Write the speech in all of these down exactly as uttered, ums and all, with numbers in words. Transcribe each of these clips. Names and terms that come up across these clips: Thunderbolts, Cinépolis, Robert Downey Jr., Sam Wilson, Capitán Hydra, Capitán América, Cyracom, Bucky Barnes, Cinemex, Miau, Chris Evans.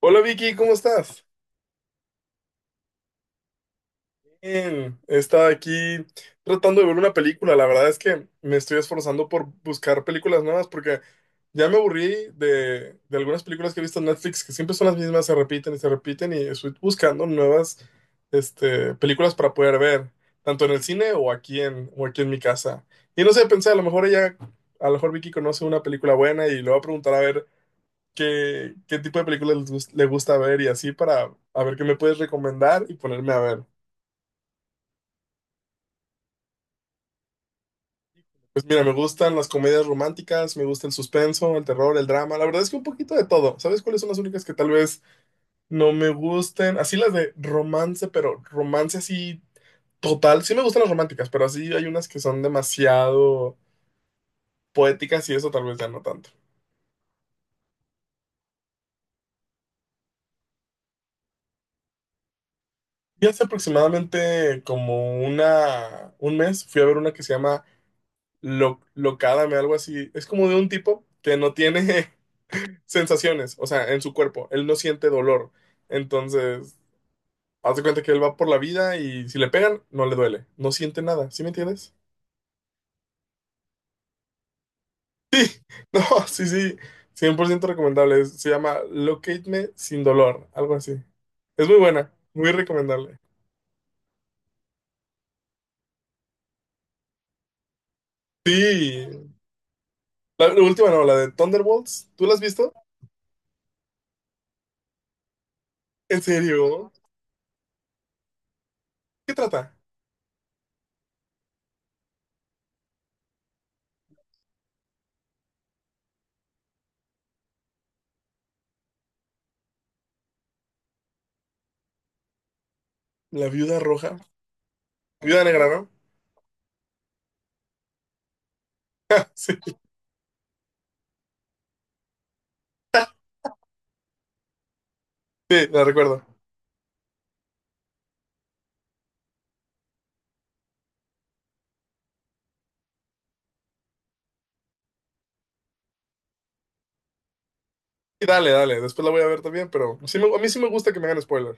Hola Vicky, ¿cómo estás? Bien, estaba aquí tratando de ver una película. La verdad es que me estoy esforzando por buscar películas nuevas porque ya me aburrí de, de algunas películas que he visto en Netflix que siempre son las mismas, se repiten y se repiten y estoy buscando nuevas este, películas para poder ver, tanto en el cine o aquí en, o aquí en mi casa. Y no sé, pensé, a lo mejor ella, a lo mejor Vicky conoce una película buena y le voy a preguntar a ver qué, qué tipo de películas les gus- le gusta ver y así para a ver qué me puedes recomendar y ponerme a ver. Pues mira, me gustan las comedias románticas, me gusta el suspenso, el terror, el drama, la verdad es que un poquito de todo. ¿Sabes cuáles son las únicas que tal vez no me gusten? Así las de romance, pero romance así total. Sí me gustan las románticas, pero así hay unas que son demasiado poéticas y eso tal vez ya no tanto. Y hace aproximadamente como una, un mes fui a ver una que se llama lo, locádame, algo así. Es como de un tipo que no tiene sensaciones, o sea, en su cuerpo. Él no siente dolor. Entonces, haz de cuenta que él va por la vida y si le pegan, no le duele. No siente nada, ¿sí me entiendes? No, sí, sí, cien por ciento recomendable. Es- Se llama Locate Me Sin Dolor, algo así. Es muy buena, muy recomendable. Sí, la, la última no, la de Thunderbolts. ¿Tú la has visto? ¿En serio? ¿Qué trata? La viuda roja. Viuda negra, ¿no? Sí, sí, la recuerdo. Y dale, dale, después la voy a ver también, pero sí me- a mí sí me gusta que me hagan spoiler.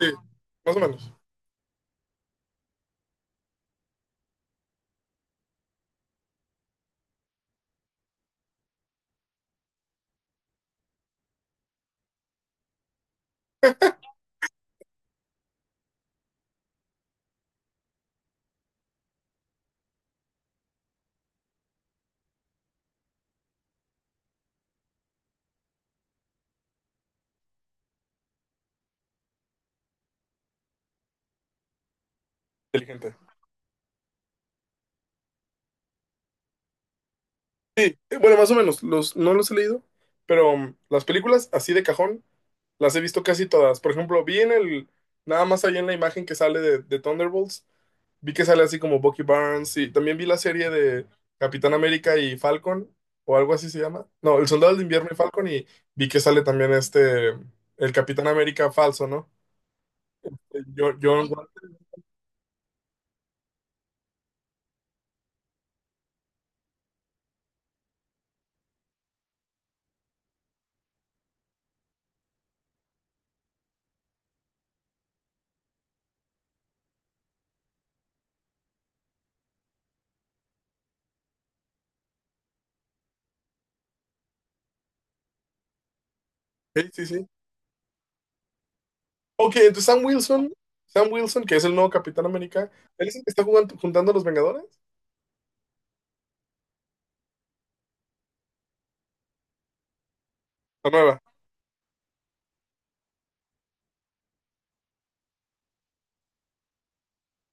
Sí, más o menos. Inteligente. Sí, eh, bueno, más o menos. Los, no los he leído, pero um, las películas así de cajón las he visto casi todas. Por ejemplo, vi en el, nada más ahí en la imagen que sale de, de Thunderbolts, vi que sale así como Bucky Barnes y también vi la serie de Capitán América y Falcon, o algo así se llama. No, El Soldado del Invierno y Falcon y vi que sale también este, el Capitán América falso, ¿no? El Jo- John. Sí. Sí, sí, sí. Ok, entonces Sam Wilson, Sam Wilson, que es el nuevo Capitán América, él es el que está jugando, juntando a los Vengadores. La nueva.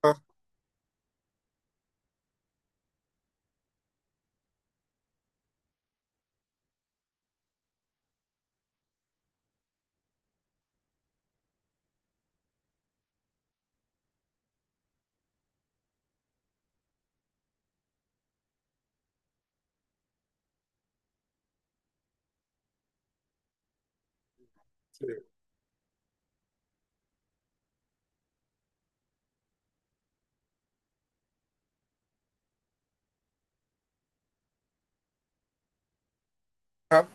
Ah, sí. Ajá.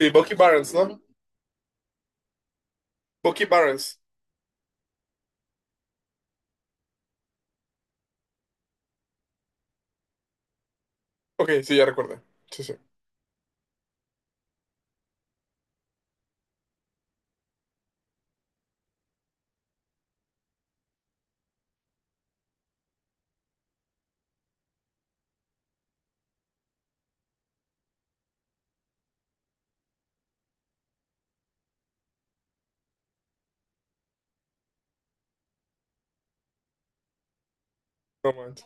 Sí, Bucky Barnes, ¿no? Bucky Barnes. Ok, sí, ya recuerdo. Sí, sí. No manches.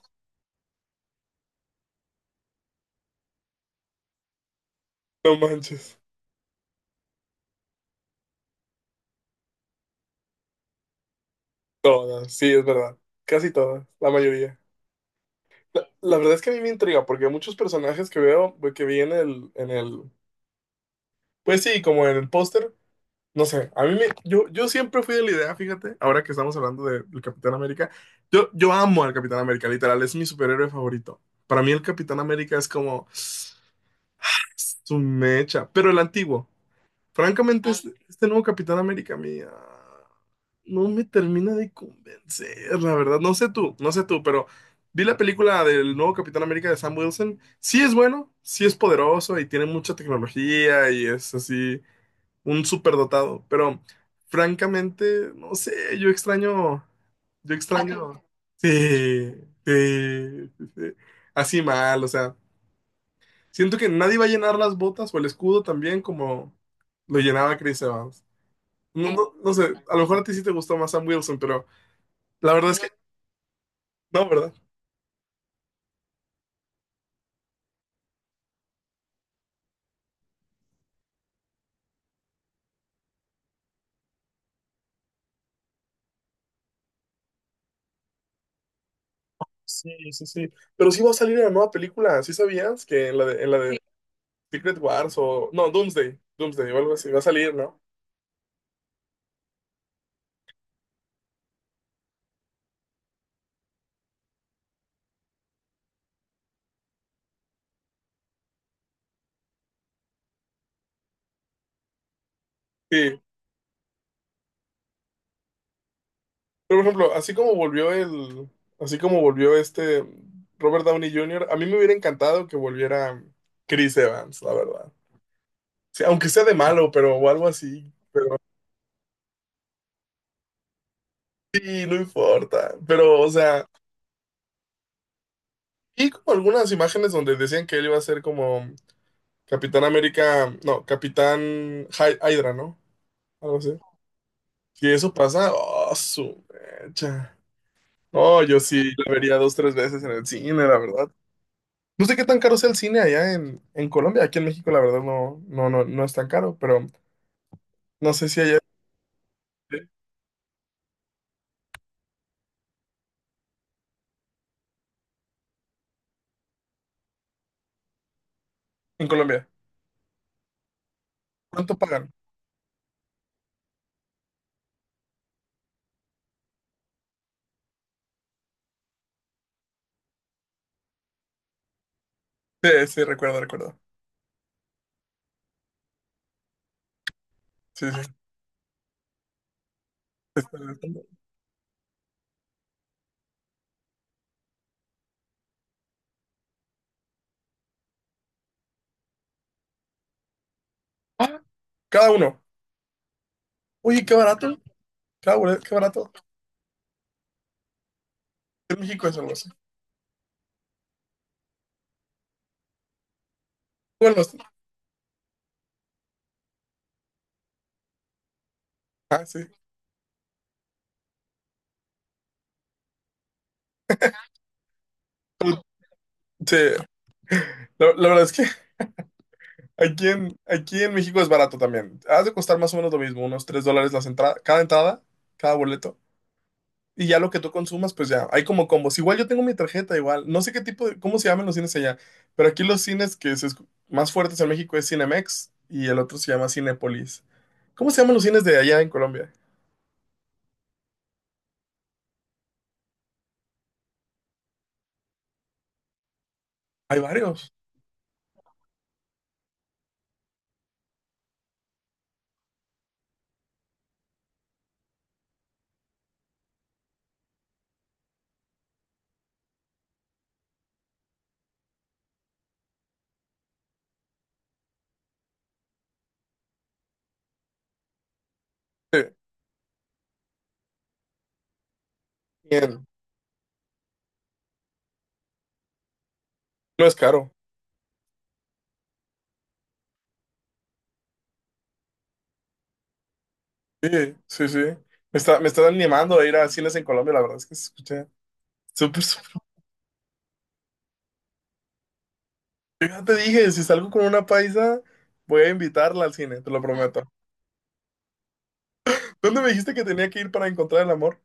No manches. Todas, sí, es verdad. Casi todas, la mayoría. La, la verdad es que a mí me intriga porque muchos personajes que veo, que vi en el, en el, pues sí, como en el póster. No sé, a mí me, yo, yo siempre fui de la idea, fíjate, ahora que estamos hablando de- del Capitán América, yo, yo amo al Capitán América, literal, es mi superhéroe favorito. Para mí el Capitán América es como su mecha, pero el antiguo. Francamente, ah, este, este nuevo Capitán América mía no me termina de convencer, la verdad. No sé tú, no sé tú, pero vi la película del nuevo Capitán América de Sam Wilson. Sí es bueno, sí es poderoso y tiene mucha tecnología y es así un superdotado, pero francamente, no sé, yo extraño, yo A tu extraño, sí, sí, sí, sí, así mal, o sea, siento que nadie va a llenar las botas o el escudo también como lo llenaba Chris Evans. No, eh, no, no sé, a lo mejor a ti sí te gustó más Sam Wilson, pero la verdad es no, que no, ¿verdad? Sí, sí, sí. Pero sí va a salir una nueva película, ¿sí sabías? Que en la de, en la sí, de sí, Secret Wars o... No, Doomsday, Doomsday o algo así, va a salir, ¿no? Sí. Pero, por ejemplo, así como volvió el, así como volvió este Robert Downey junior, a mí me hubiera encantado que volviera Chris Evans, la verdad. Sí, aunque sea de malo, pero o algo así. Sí, no importa. Pero, o sea, y como algunas imágenes donde decían que él iba a ser como Capitán América, no, Capitán Hy- Hydra, ¿no? Algo así. Si eso pasa, oh, su mecha. No, yo sí la vería dos, tres veces en el cine, la verdad. No sé qué tan caro sea el cine allá en, en Colombia. Aquí en México, la verdad, no, no, no, no es tan caro, pero no sé si allá en Colombia. ¿Cuánto pagan? Sí, sí, recuerdo, recuerdo. Sí, sí. Está- está- Ah, cada uno. Oye, qué barato. Cada boleto, qué barato. En México es algo así. Bueno, sí. Ah, sí. Pero, sí, la, la verdad es que aquí en, aquí en México es barato también. Has de costar más o menos lo mismo, unos tres dólares las entradas, cada entrada, cada boleto. Y ya lo que tú consumas, pues ya, hay como combos. Igual yo tengo mi tarjeta, igual. No sé qué tipo de, cómo se llaman los cines allá, pero aquí los cines que se escu- más fuertes en México es Cinemex y el otro se llama Cinépolis. ¿Cómo se llaman los cines de allá en Colombia? Hay varios. Sí. Bien. No es caro. Sí, sí, sí. Me está, me está animando a ir a cines en Colombia, la verdad es que se escucha súper, súper. Yo ya te dije, si salgo con una paisa, voy a invitarla al cine, te lo prometo. ¿Dónde me dijiste que tenía que ir para encontrar el amor?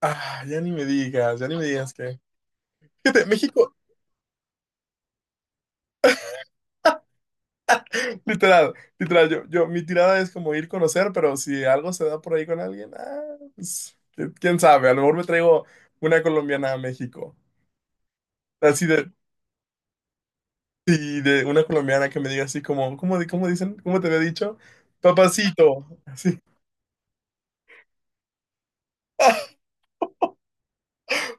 Ah, ya ni me digas, ya ni me digas que. Fíjate, México, literal, literal, yo, yo, mi tirada es como ir a conocer, pero si algo se da por ahí con alguien, ah, pues, qui- quién sabe, a lo mejor me traigo una colombiana a México. Así de, sí, de una colombiana que me diga así como, ¿cómo, di- cómo dicen? ¿Cómo te había dicho? Papacito, así,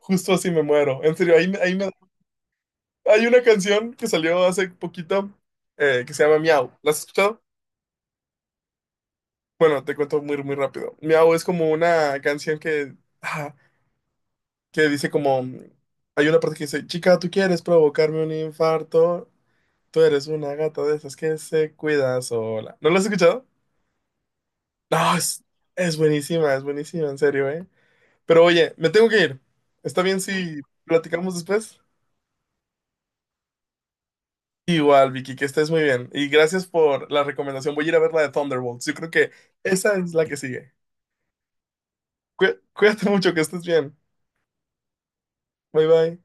justo así me muero. En serio, ahí, me- ahí me- hay una canción que salió hace poquito eh, que se llama Miau. ¿La has escuchado? Bueno, te cuento muy, muy rápido. Miau es como una canción que... que dice como, hay una parte que dice, chica, tú quieres provocarme un infarto, tú eres una gata de esas que se cuida sola. ¿No lo has escuchado? No, es, es buenísima, es buenísima, en serio, ¿eh? Pero oye, me tengo que ir. ¿Está bien si platicamos después? Igual, Vicky, que estés muy bien. Y gracias por la recomendación. Voy a ir a ver la de Thunderbolts. Yo creo que esa es la que sigue. Cué- Cuídate mucho, que estés bien. Bye bye.